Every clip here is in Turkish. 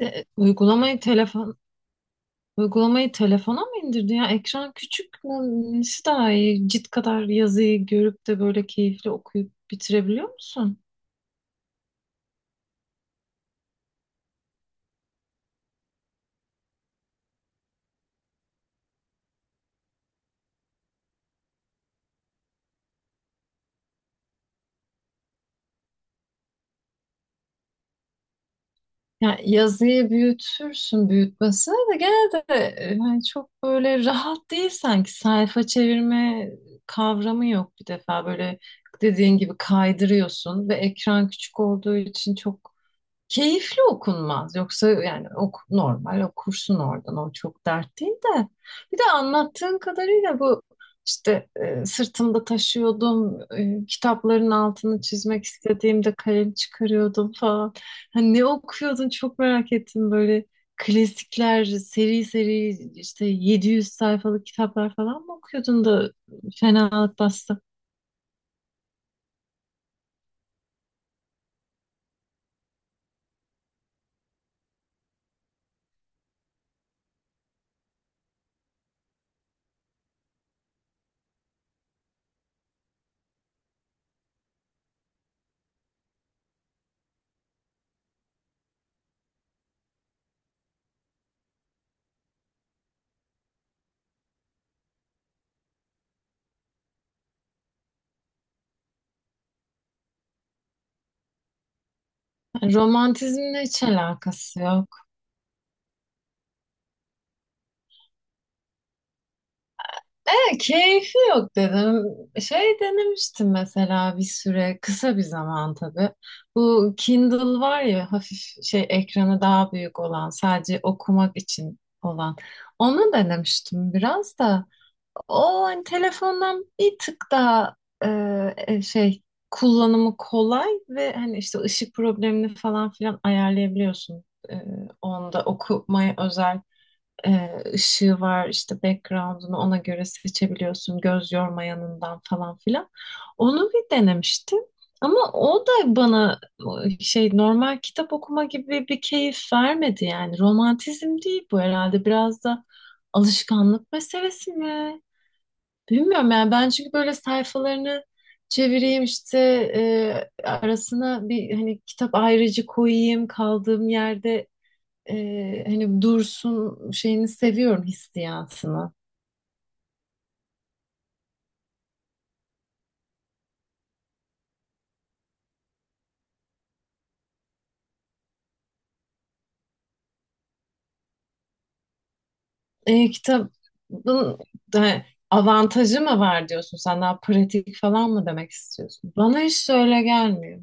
E, uygulamayı telefon Uygulamayı telefona mı indirdin ya? Ekran küçük mü? Nesi daha iyi? Cilt kadar yazıyı görüp de böyle keyifli okuyup bitirebiliyor musun? Yani yazıyı büyütürsün büyütmesine de gene de yani çok böyle rahat değil sanki. Sayfa çevirme kavramı yok bir defa. Böyle dediğin gibi kaydırıyorsun ve ekran küçük olduğu için çok keyifli okunmaz. Yoksa yani ok normal okursun oradan. O çok dert değil de. Bir de anlattığın kadarıyla bu işte sırtımda taşıyordum, kitapların altını çizmek istediğimde kalem çıkarıyordum falan. Hani ne okuyordun çok merak ettim böyle klasikler, seri seri işte 700 sayfalık kitaplar falan mı okuyordun da fenalık bastı? Yani romantizmle hiç alakası yok. Keyfi yok dedim. Şey denemiştim mesela bir süre, kısa bir zaman tabii. Bu Kindle var ya hafif şey ekranı daha büyük olan, sadece okumak için olan. Onu denemiştim biraz da. O hani telefondan bir tık daha şey kullanımı kolay ve hani işte ışık problemini falan filan ayarlayabiliyorsun. E, Onda okumaya özel ışığı var işte background'unu ona göre seçebiliyorsun göz yormayanından falan filan. Onu bir denemiştim. Ama o da bana şey normal kitap okuma gibi bir keyif vermedi yani. Romantizm değil bu herhalde. Biraz da alışkanlık meselesi mi? Bilmiyorum yani ben çünkü böyle sayfalarını çevireyim işte arasına bir hani kitap ayrıcı koyayım kaldığım yerde hani Dursun şeyini seviyorum hissiyatını. Kitabın da avantajı mı var diyorsun sen daha pratik falan mı demek istiyorsun? Bana hiç öyle gelmiyor.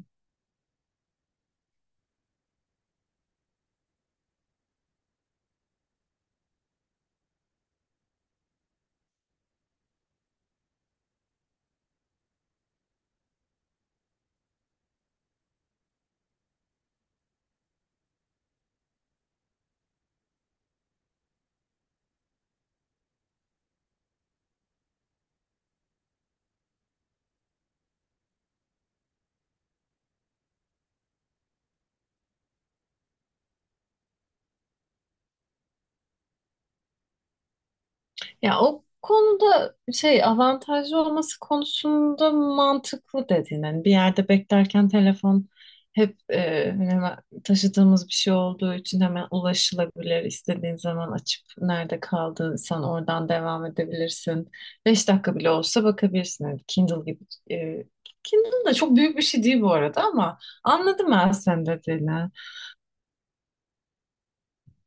Ya o konuda şey avantajlı olması konusunda mantıklı dediğin. Hani bir yerde beklerken telefon hep hani hemen taşıdığımız bir şey olduğu için hemen ulaşılabilir. İstediğin zaman açıp nerede kaldıysan oradan devam edebilirsin. 5 dakika bile olsa bakabilirsin. Hani Kindle gibi. e, Kindle da çok büyük bir şey değil bu arada ama anladım ben sen dediğini.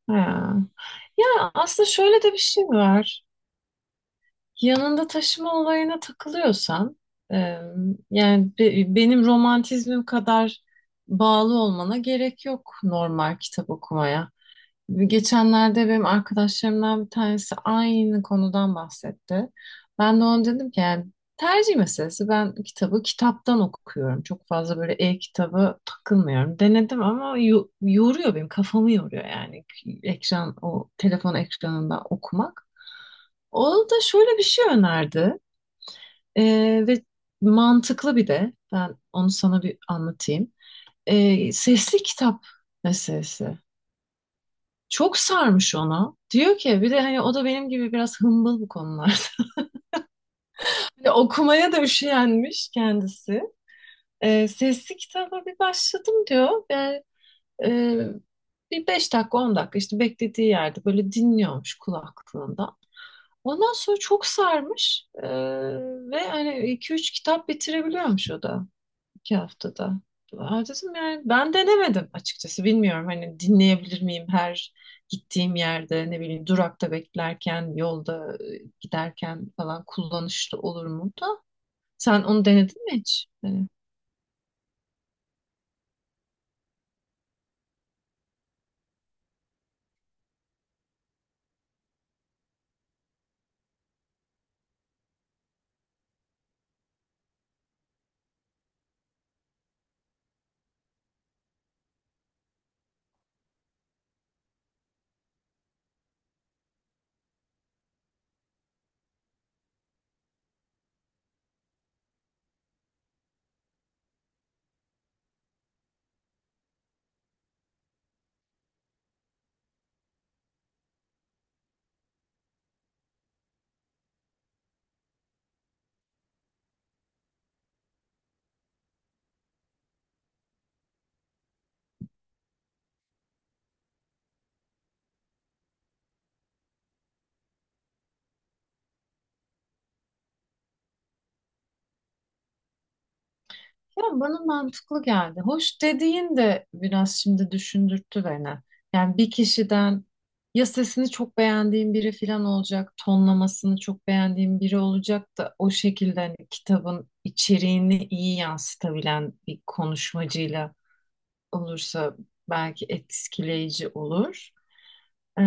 Ha. Ya aslında şöyle de bir şey var. Yanında taşıma olayına takılıyorsan, e, yani benim romantizmim kadar bağlı olmana gerek yok normal kitap okumaya. Geçenlerde benim arkadaşlarımdan bir tanesi aynı konudan bahsetti. Ben de ona dedim ki yani tercih meselesi. Ben kitabı kitaptan okuyorum. Çok fazla böyle e-kitabı takılmıyorum. Denedim ama yoruyor benim kafamı yoruyor yani ekran o telefon ekranında okumak. O da şöyle bir şey önerdi. Ve mantıklı, bir de ben onu sana bir anlatayım. Sesli kitap meselesi. Çok sarmış onu. Diyor ki bir de hani o da benim gibi biraz hımbıl bu konularda. Hani okumaya da üşenmiş kendisi. Sesli kitaba bir başladım diyor. Yani, e, bir 5 dakika 10 dakika işte beklediği yerde böyle dinliyormuş kulaklığında. Ondan sonra çok sarmış. Ve hani iki üç kitap bitirebiliyormuş o da. 2 haftada. Aa, dedim yani ben denemedim açıkçası. Bilmiyorum hani dinleyebilir miyim her gittiğim yerde ne bileyim durakta beklerken yolda giderken falan kullanışlı olur mu da. Sen onu denedin mi hiç? Hani. Ya bana mantıklı geldi. Hoş dediğin de biraz şimdi düşündürttü beni. Yani bir kişiden ya sesini çok beğendiğim biri falan olacak, tonlamasını çok beğendiğim biri olacak da o şekilde hani kitabın içeriğini iyi yansıtabilen bir konuşmacıyla olursa belki etkileyici olur. Ee,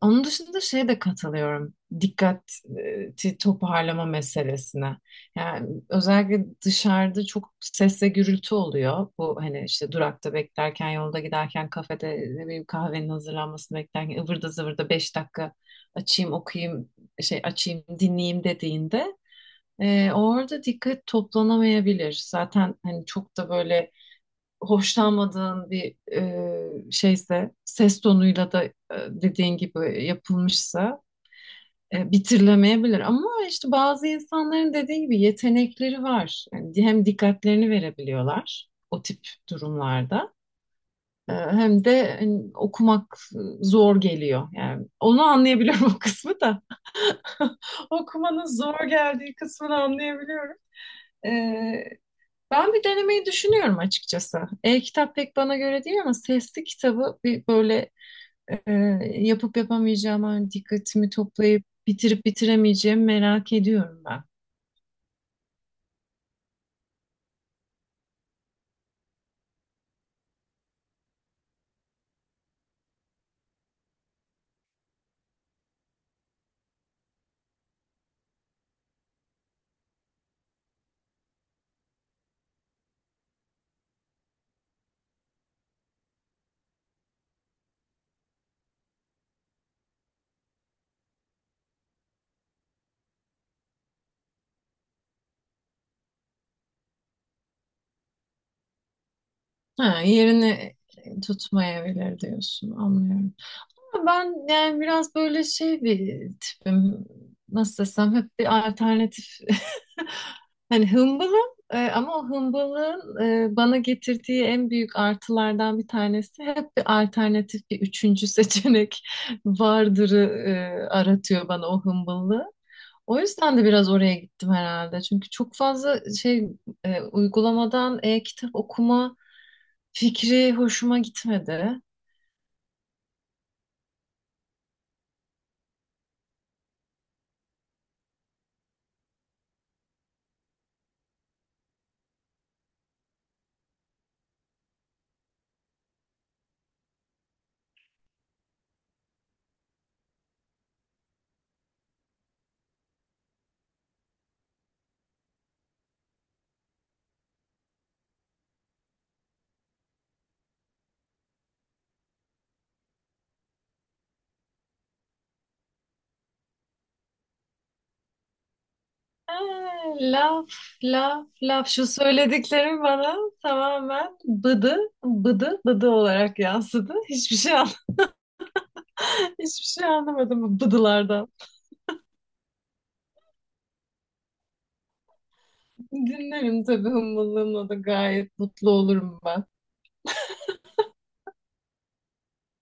Onun dışında şeye de katılıyorum. Dikkati toparlama meselesine. Yani özellikle dışarıda çok ses ve gürültü oluyor. Bu hani işte durakta beklerken, yolda giderken, kafede ne bileyim kahvenin hazırlanmasını beklerken ıvırda zıvırda 5 dakika açayım, okuyayım, şey açayım, dinleyeyim dediğinde orada dikkat toplanamayabilir. Zaten hani çok da böyle hoşlanmadığın bir şeyse, ses tonuyla da dediğin gibi yapılmışsa bitirlemeyebilir. Ama işte bazı insanların dediğin gibi yetenekleri var. Yani hem dikkatlerini verebiliyorlar o tip durumlarda. Hem de hani, okumak zor geliyor. Yani onu anlayabiliyorum o kısmı da. Okumanın zor geldiği kısmını anlayabiliyorum. E, Ben bir denemeyi düşünüyorum açıkçası. E-kitap pek bana göre değil ama sesli kitabı bir böyle e, yapıp yapamayacağım, hani dikkatimi toplayıp bitirip bitiremeyeceğimi merak ediyorum ben. Ha, yerini tutmayabilir diyorsun, anlıyorum. Ben yani biraz böyle şey bir tipim. Nasıl desem hep bir alternatif. Hani hımbılım ama o hımbılığın bana getirdiği en büyük artılardan bir tanesi hep bir alternatif bir üçüncü seçenek vardırı e, aratıyor bana o hımbıllığı. O yüzden de biraz oraya gittim herhalde. Çünkü çok fazla şey uygulamadan e-kitap okuma fikri hoşuma gitmedi. Laf, laf, laf. Şu söylediklerim bana tamamen bıdı, bıdı, bıdı olarak yansıdı. Hiçbir şey hiçbir şey anlamadım bu bıdılardan. Dinlerim tabii hımbıllığımla da gayet mutlu olurum ben.